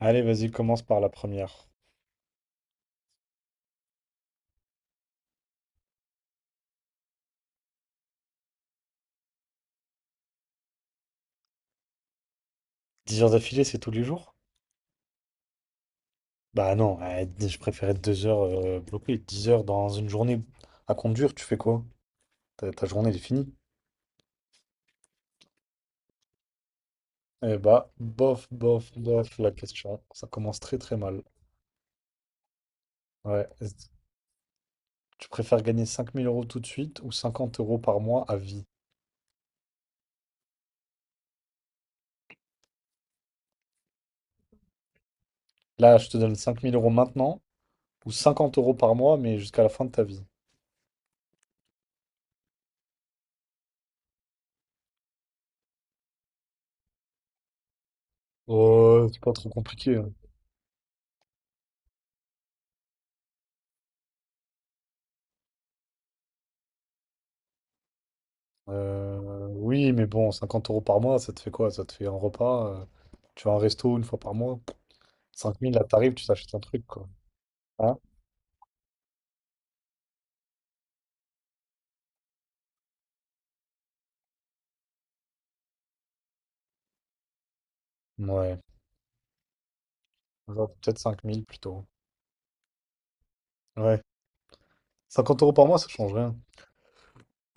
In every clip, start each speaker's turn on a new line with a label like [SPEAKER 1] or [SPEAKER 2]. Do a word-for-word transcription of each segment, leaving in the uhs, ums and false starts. [SPEAKER 1] Allez, vas-y, commence par la première. Dix heures d'affilée, c'est tous les jours? Bah non, euh, je préférais deux heures euh, bloquées. Dix heures dans une journée à conduire, tu fais quoi? Ta, ta journée, elle est finie. Eh bah, bof, bof, bof, la question. Ça commence très très mal. Ouais. Est-ce- Tu préfères gagner cinq mille euros tout de suite ou cinquante euros par mois à vie? Là, je te donne cinq mille euros maintenant ou cinquante euros par mois, mais jusqu'à la fin de ta vie. Oh, c'est pas trop compliqué. Euh, oui, mais bon, cinquante euros par mois, ça te fait quoi? Ça te fait un repas. Euh, tu vas à un resto une fois par mois. cinq mille, là, t'arrives, tu t'achètes un truc, quoi. Hein? Ouais. Genre, peut-être cinq mille plutôt. Ouais. cinquante euros par mois, ça change rien.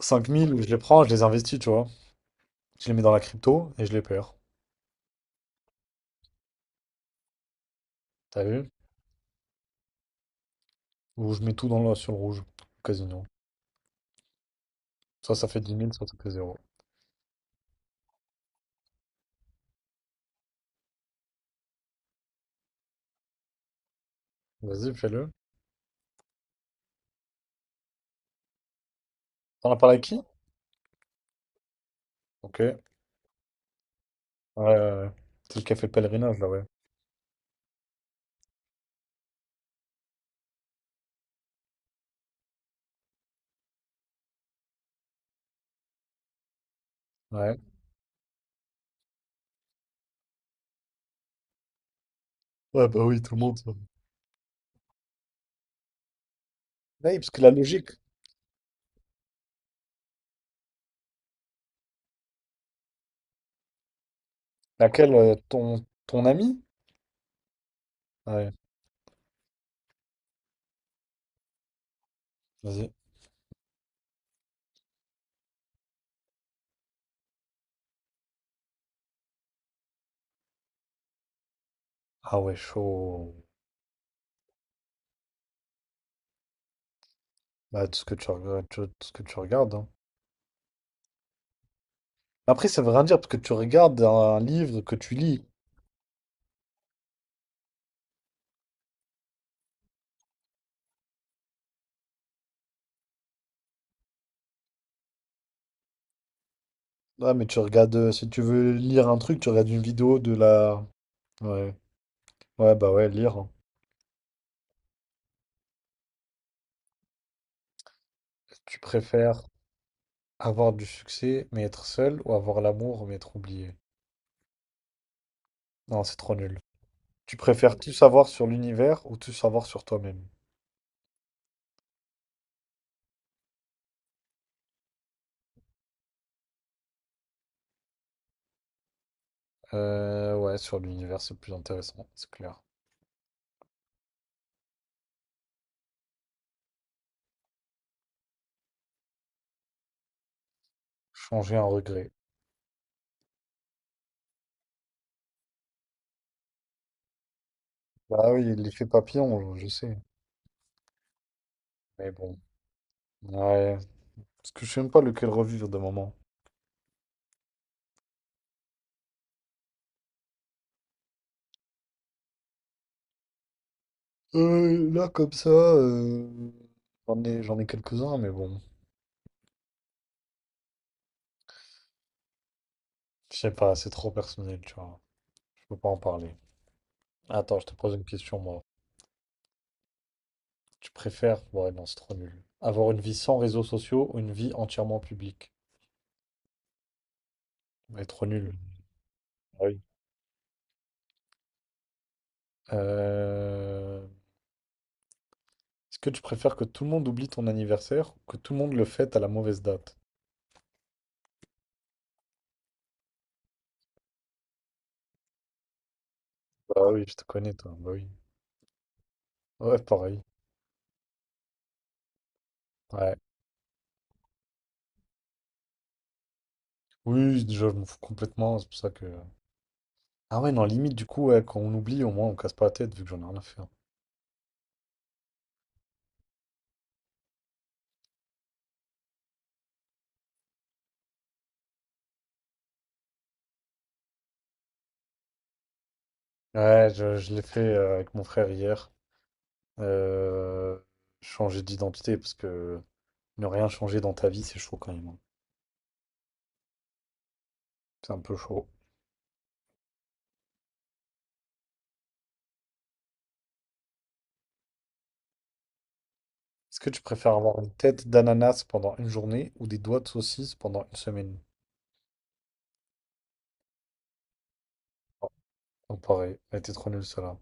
[SPEAKER 1] cinq mille, je les prends, je les investis, tu vois. Je les mets dans la crypto et je les perds. T'as vu? Ou je mets tout dans le, sur le rouge, au casino. Soit ça fait dix mille, soit ça fait zéro. Vas-y, fais-le. T'en as parlé avec qui? Ok. Ouais, ouais, ouais. C'est le café fait le pèlerinage, là, ouais. Ouais. Ouais, bah oui, tout le monde. Ça. Ouais, parce que la logique. Laquelle, euh, ton, ton ami? Ouais, vas-y. Ah ouais, chaud. Bah, tout ce que tu regardes, tu- tout ce que tu regardes. Hein. Après, ça veut rien dire, parce que tu regardes un livre que tu lis. Ouais, mais tu regardes, euh, si tu veux lire un truc, tu regardes une vidéo de la... Ouais, ouais, bah ouais, lire. Hein. Tu préfères avoir du succès, mais être seul, ou avoir l'amour, mais être oublié? Non, c'est trop nul. Tu préfères tout savoir sur l'univers ou tout savoir sur toi-même? Euh, ouais, sur l'univers, c'est plus intéressant, c'est clair. Changer un regret. Bah oui, l'effet papillon, je je sais. Mais bon. Ouais. Parce que je sais même pas lequel revivre de moment. Euh, là, comme ça, euh, j'en ai, j'en ai quelques-uns, mais bon. Je sais pas, c'est trop personnel, tu vois. Je peux pas en parler. Attends, je te pose une question, moi. Tu préfères... Ouais, non, c'est trop nul. Avoir une vie sans réseaux sociaux ou une vie entièrement publique? Ouais, trop nul. Ah oui. Euh, est-ce que tu préfères que tout le monde oublie ton anniversaire ou que tout le monde le fête à la mauvaise date? Bah oui, je te connais, toi. Bah oui. Ouais, pareil. Ouais. Oui, oui, déjà, je m'en fous complètement, c'est pour ça que... Ah ouais, non, limite, du coup, ouais, quand on oublie, au moins, on casse pas la tête, vu que j'en ai rien à faire. Ouais, je, je l'ai fait euh, avec mon frère hier. Euh, changer d'identité, parce que ne rien changer dans ta vie, c'est chaud quand même. Hein. C'est un peu chaud. Est-ce que tu préfères avoir une tête d'ananas pendant une journée ou des doigts de saucisse pendant une semaine? Oh, pareil, elle était trop nulle, celle-là.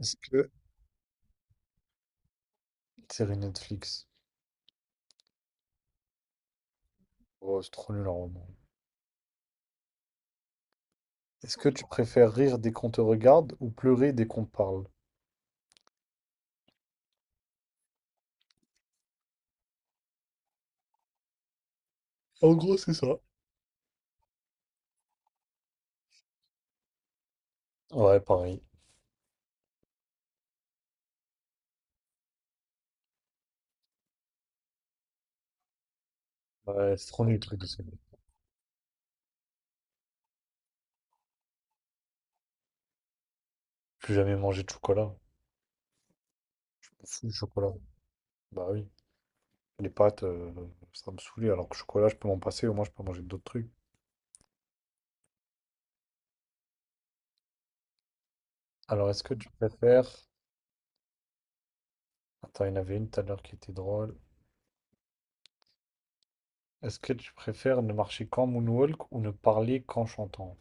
[SPEAKER 1] Est-ce que... Série Netflix. Oh, c'est trop nul, en roman. Est-ce que tu préfères rire dès qu'on te regarde ou pleurer dès qu'on te parle? En gros, c'est ça. Ouais, pareil. Ouais, c'est trop nul le truc de Sony. Plus jamais manger de chocolat. Fou le chocolat. Bah oui. Les pâtes, euh, ça me saoulait. Alors que chocolat, je peux m'en passer, au moins je peux manger d'autres trucs. Alors est-ce que tu préfères. Attends, il y en avait une tout à l'heure qui était drôle. Est-ce que tu préfères ne marcher qu'en moonwalk ou ne parler qu'en chantant?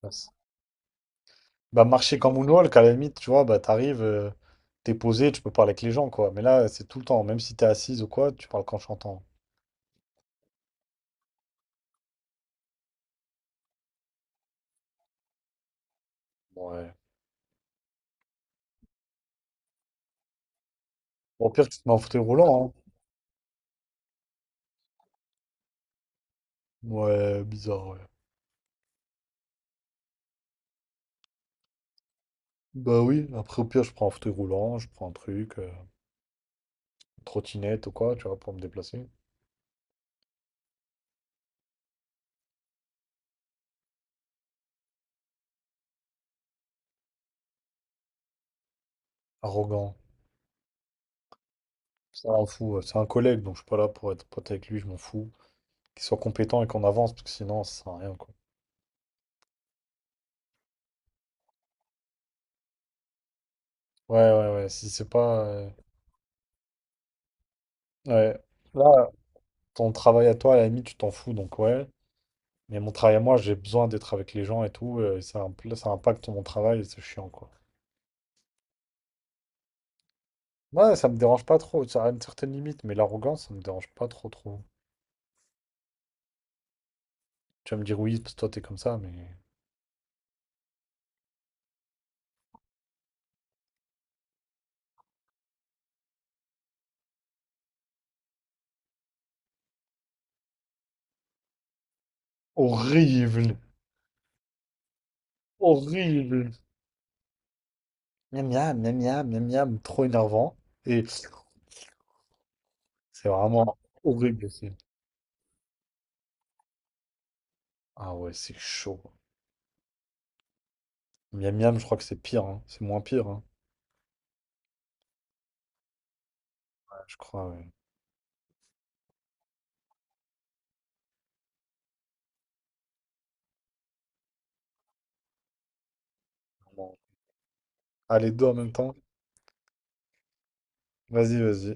[SPEAKER 1] Bah bah, marcher qu'en moonwalk, à la limite, tu vois, bah t'arrives, euh, t'es posé, tu peux parler avec les gens, quoi. Mais là, c'est tout le temps. Même si t'es assise ou quoi, tu parles qu'en chantant. Ouais. Au pire, tu te mets en fauteuil roulant, hein. Ouais, bizarre, ouais. Bah oui, après au pire, je prends un fauteuil roulant, je prends un truc, euh, une trottinette ou quoi, tu vois, pour me déplacer. Arrogant, ça m'en fout. euh, C'est un collègue, donc je suis pas là pour être pote avec lui, je m'en fous. Qu'il soit compétent et qu'on avance, parce que sinon, ça sert à rien, quoi. Ouais, ouais, ouais, si c'est pas. euh, Ouais. Là, ton travail à toi, à la limite, tu t'en fous, donc ouais. Mais mon travail à moi, j'ai besoin d'être avec les gens et tout, euh, et ça, impl- ça impacte mon travail et c'est chiant, quoi. Ouais, ça me dérange pas trop, ça a une certaine limite, mais l'arrogance, ça me dérange pas trop, trop. Tu vas me dire oui, parce que toi, t'es comme ça, mais. Horrible. Horrible. Miam miam, miam miam, miam miam, trop énervant. Et c'est vraiment horrible aussi. Ah ouais, c'est chaud. Miam miam, je crois que c'est pire, hein. C'est moins pire, hein. Ouais, je crois, ouais. Bon. Ah, les deux en même temps? Vas-y, vas-y.